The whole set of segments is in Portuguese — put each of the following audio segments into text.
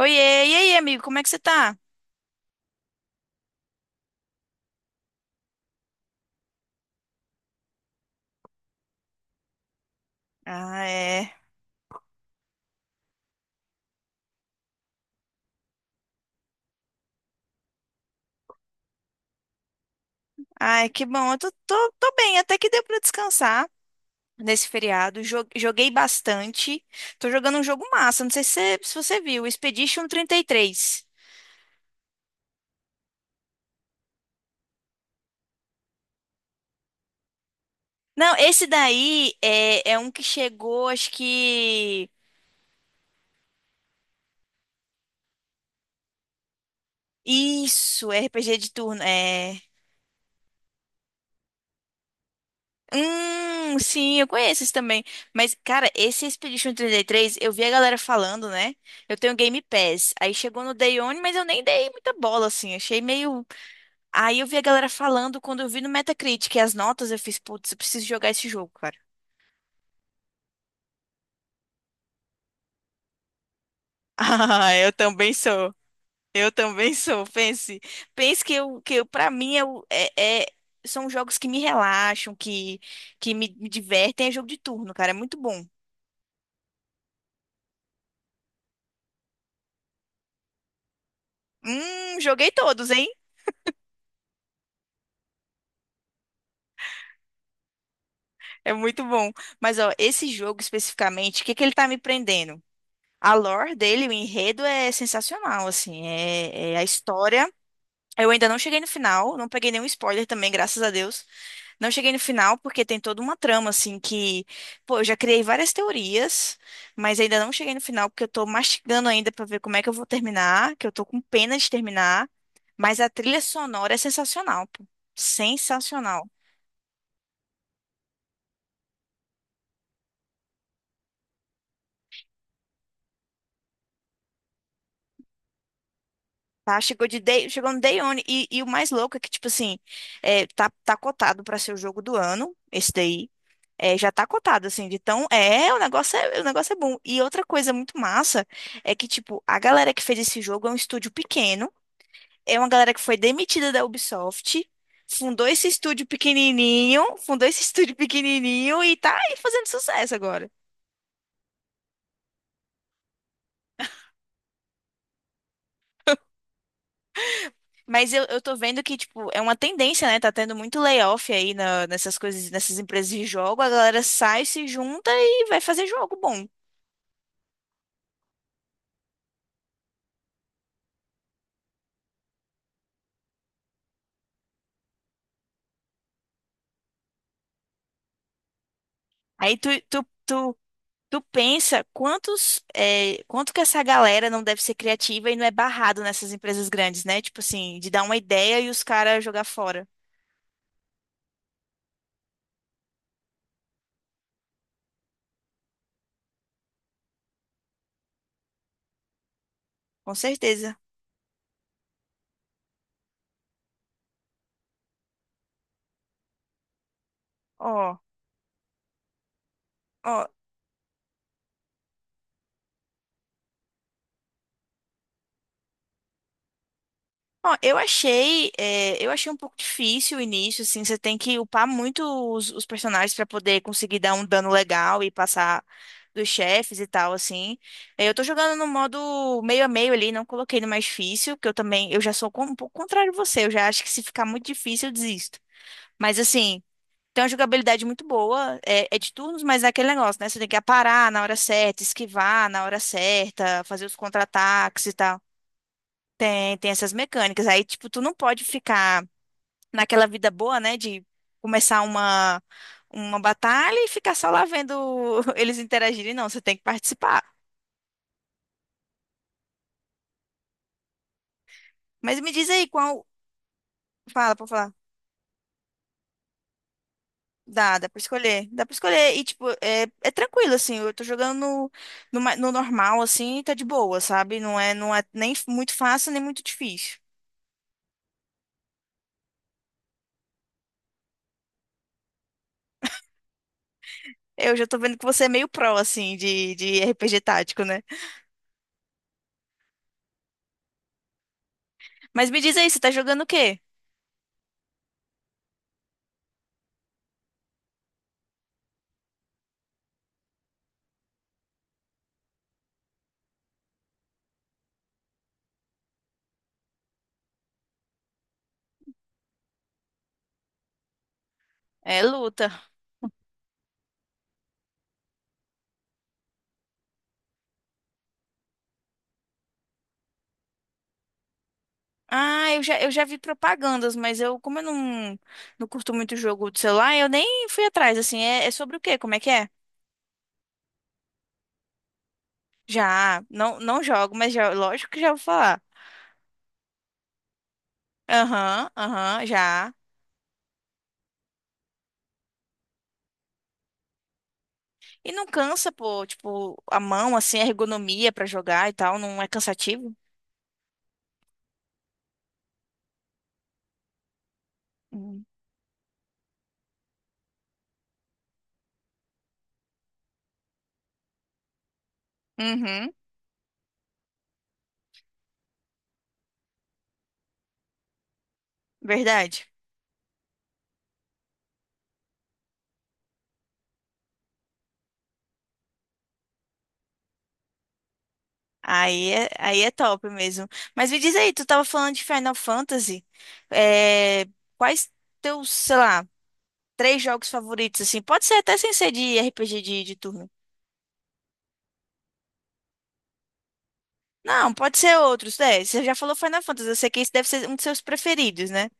Oiê, e aí, amigo, como é que você tá? Ah, é. Ai, que bom. Eu tô bem, até que deu pra descansar nesse feriado. Joguei bastante. Tô jogando um jogo massa, não sei se você, viu, Expedition trinta e três. Não, esse daí é um que chegou, acho que. Isso, é RPG de turno. É. Sim, eu conheço esse também. Mas, cara, esse Expedition trinta e três eu vi a galera falando, né? Eu tenho Game Pass. Aí chegou no Day One, mas eu nem dei muita bola, assim. Achei meio. Aí eu vi a galera falando quando eu vi no Metacritic as notas, eu fiz, putz, eu preciso jogar esse jogo, cara. Ah, eu também sou. Eu também sou. Pense que eu, para mim, são jogos que me relaxam, me divertem. É jogo de turno, cara. É muito bom. Joguei todos. É muito bom. Mas, ó, esse jogo especificamente, o que que ele tá me prendendo? A lore dele, o enredo é sensacional, assim, é a história. Eu ainda não cheguei no final, não peguei nenhum spoiler também, graças a Deus. Não cheguei no final porque tem toda uma trama, assim, que, pô, eu já criei várias teorias, mas ainda não cheguei no final porque eu tô mastigando ainda pra ver como é que eu vou terminar, que eu tô com pena de terminar. Mas a trilha sonora é sensacional, pô. Sensacional. Tá, chegou no Day One. E o mais louco é que, tipo assim, tá cotado pra ser o jogo do ano, esse daí. É, já tá cotado, assim, de tão. É, o negócio é bom. E outra coisa muito massa é que, tipo, a galera que fez esse jogo é um estúdio pequeno. É uma galera que foi demitida da Ubisoft, fundou esse estúdio pequenininho, fundou esse estúdio pequenininho e tá aí fazendo sucesso agora. Mas eu tô vendo que, tipo, é uma tendência, né? Tá tendo muito layoff aí nessas coisas, nessas empresas de jogo. A galera sai, se junta e vai fazer jogo bom. Aí tu pensa quanto que essa galera não deve ser criativa e não é barrado nessas empresas grandes, né? Tipo assim, de dar uma ideia e os caras jogar fora. Com certeza. Ó, ó. Ó, eu achei um pouco difícil o início, assim, você tem que upar muito os personagens pra poder conseguir dar um dano legal e passar dos chefes e tal, assim. É, eu tô jogando no modo meio a meio ali, não coloquei no mais difícil, que eu também, eu já sou um pouco contrário a você, eu já acho que se ficar muito difícil eu desisto. Mas assim, tem uma jogabilidade muito boa, é de turnos, mas é aquele negócio, né? Você tem que aparar na hora certa, esquivar na hora certa, fazer os contra-ataques e tal. Tem essas mecânicas. Aí, tipo, tu não pode ficar naquela vida boa, né? De começar uma batalha e ficar só lá vendo eles interagirem. Não, você tem que participar. Mas me diz aí qual. Fala, pra falar. Dá pra escolher. Dá pra escolher. E, tipo, é tranquilo, assim. Eu tô jogando no normal, assim, e tá de boa, sabe? Não é nem muito fácil, nem muito difícil. Eu já tô vendo que você é meio pró, assim, de RPG tático, né? Mas me diz aí, você tá jogando o quê? É luta. Ah, eu já vi propagandas, mas eu, como eu não, não curto muito jogo de celular, eu nem fui atrás, assim, é sobre o quê? Como é que é? Já, não, não jogo, mas já, lógico que já vou falar. Aham, aham, já. E não cansa, pô, tipo, a mão, assim, a ergonomia pra jogar e tal, não é cansativo? Uhum. Uhum, verdade. Aí é top mesmo. Mas me diz aí, tu tava falando de Final Fantasy, é, quais teus, sei lá, três jogos favoritos, assim. Pode ser até sem ser de RPG de turno. Não, pode ser outros, né? Você já falou Final Fantasy, eu sei que esse deve ser um dos seus preferidos, né?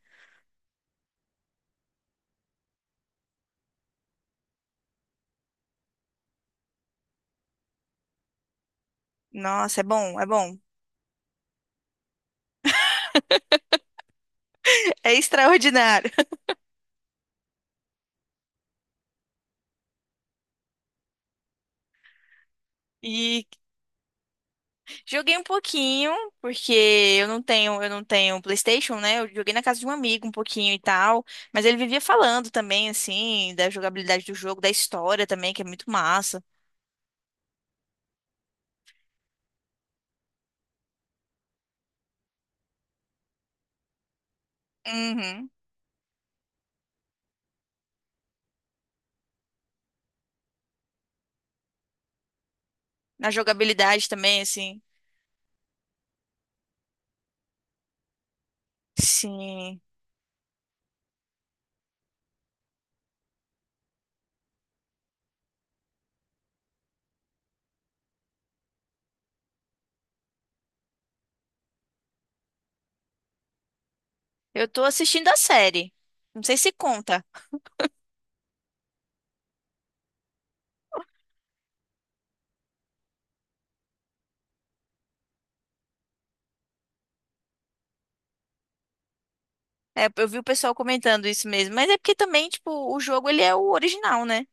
Nossa, é bom, é bom. É extraordinário. E joguei um pouquinho, porque eu não tenho PlayStation, né? Eu joguei na casa de um amigo um pouquinho e tal, mas ele vivia falando também assim da jogabilidade do jogo, da história também, que é muito massa. Uhum. Na jogabilidade também, assim. Sim. Eu tô assistindo a série. Não sei se conta. É, eu vi o pessoal comentando isso mesmo, mas é porque também, tipo, o jogo ele é o original, né?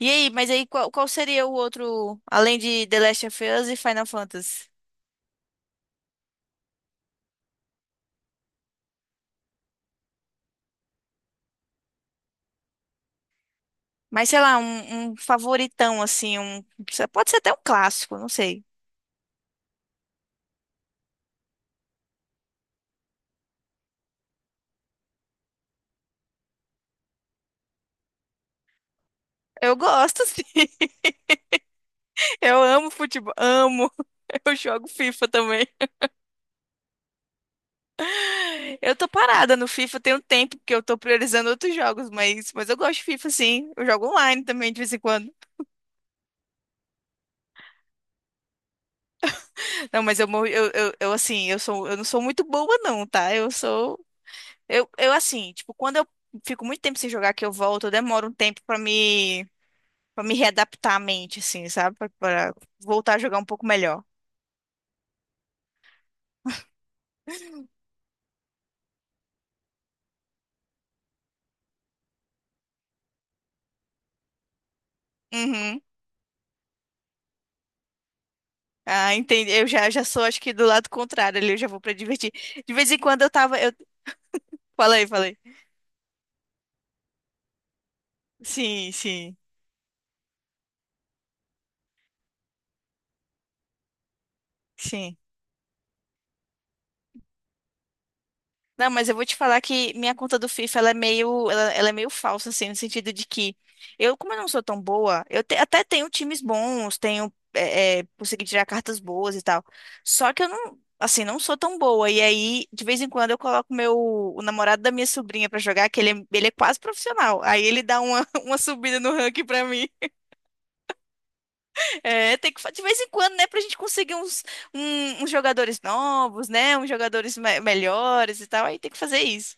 E aí, mas aí qual seria o outro, além de The Last of Us e Final Fantasy? Mas sei lá, um favoritão assim, um pode ser até um clássico, não sei. Eu gosto, sim. Eu amo futebol, amo. Eu jogo FIFA também. Eu tô parada no FIFA tem um tempo porque eu tô priorizando outros jogos, mas eu gosto de FIFA sim. Eu jogo online também de vez em quando. Não, mas eu, morri- eu, assim, eu não sou muito boa, não, tá? Eu sou. Eu assim, tipo, quando eu fico muito tempo sem jogar que eu volto, eu demoro um tempo para me readaptar à mente, assim, sabe? Pra voltar a jogar um pouco melhor. Uhum. Ah, entendi. Eu já sou, acho que do lado contrário ali, eu já vou pra divertir. De vez em quando eu tava. Eu... Falei, falei. Sim, sim, sim. Não, mas eu vou te falar que minha conta do FIFA ela é meio, ela é meio falsa, assim, no sentido de que eu, como eu não sou tão boa, até tenho times bons, tenho, consegui tirar cartas boas e tal. Só que eu não, assim, não sou tão boa. E aí, de vez em quando, eu coloco o namorado da minha sobrinha pra jogar, que ele é quase profissional. Aí ele dá uma, uma subida no ranking pra mim. É, tem que, de vez em quando, né, pra gente conseguir uns jogadores novos, né, uns jogadores melhores e tal. Aí tem que fazer isso.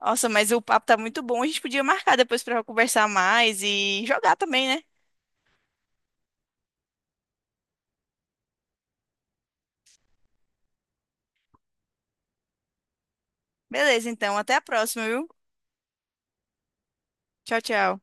Nossa, mas o papo tá muito bom. A gente podia marcar depois pra conversar mais e jogar também, né? Beleza, então, até a próxima, viu? Tchau, tchau.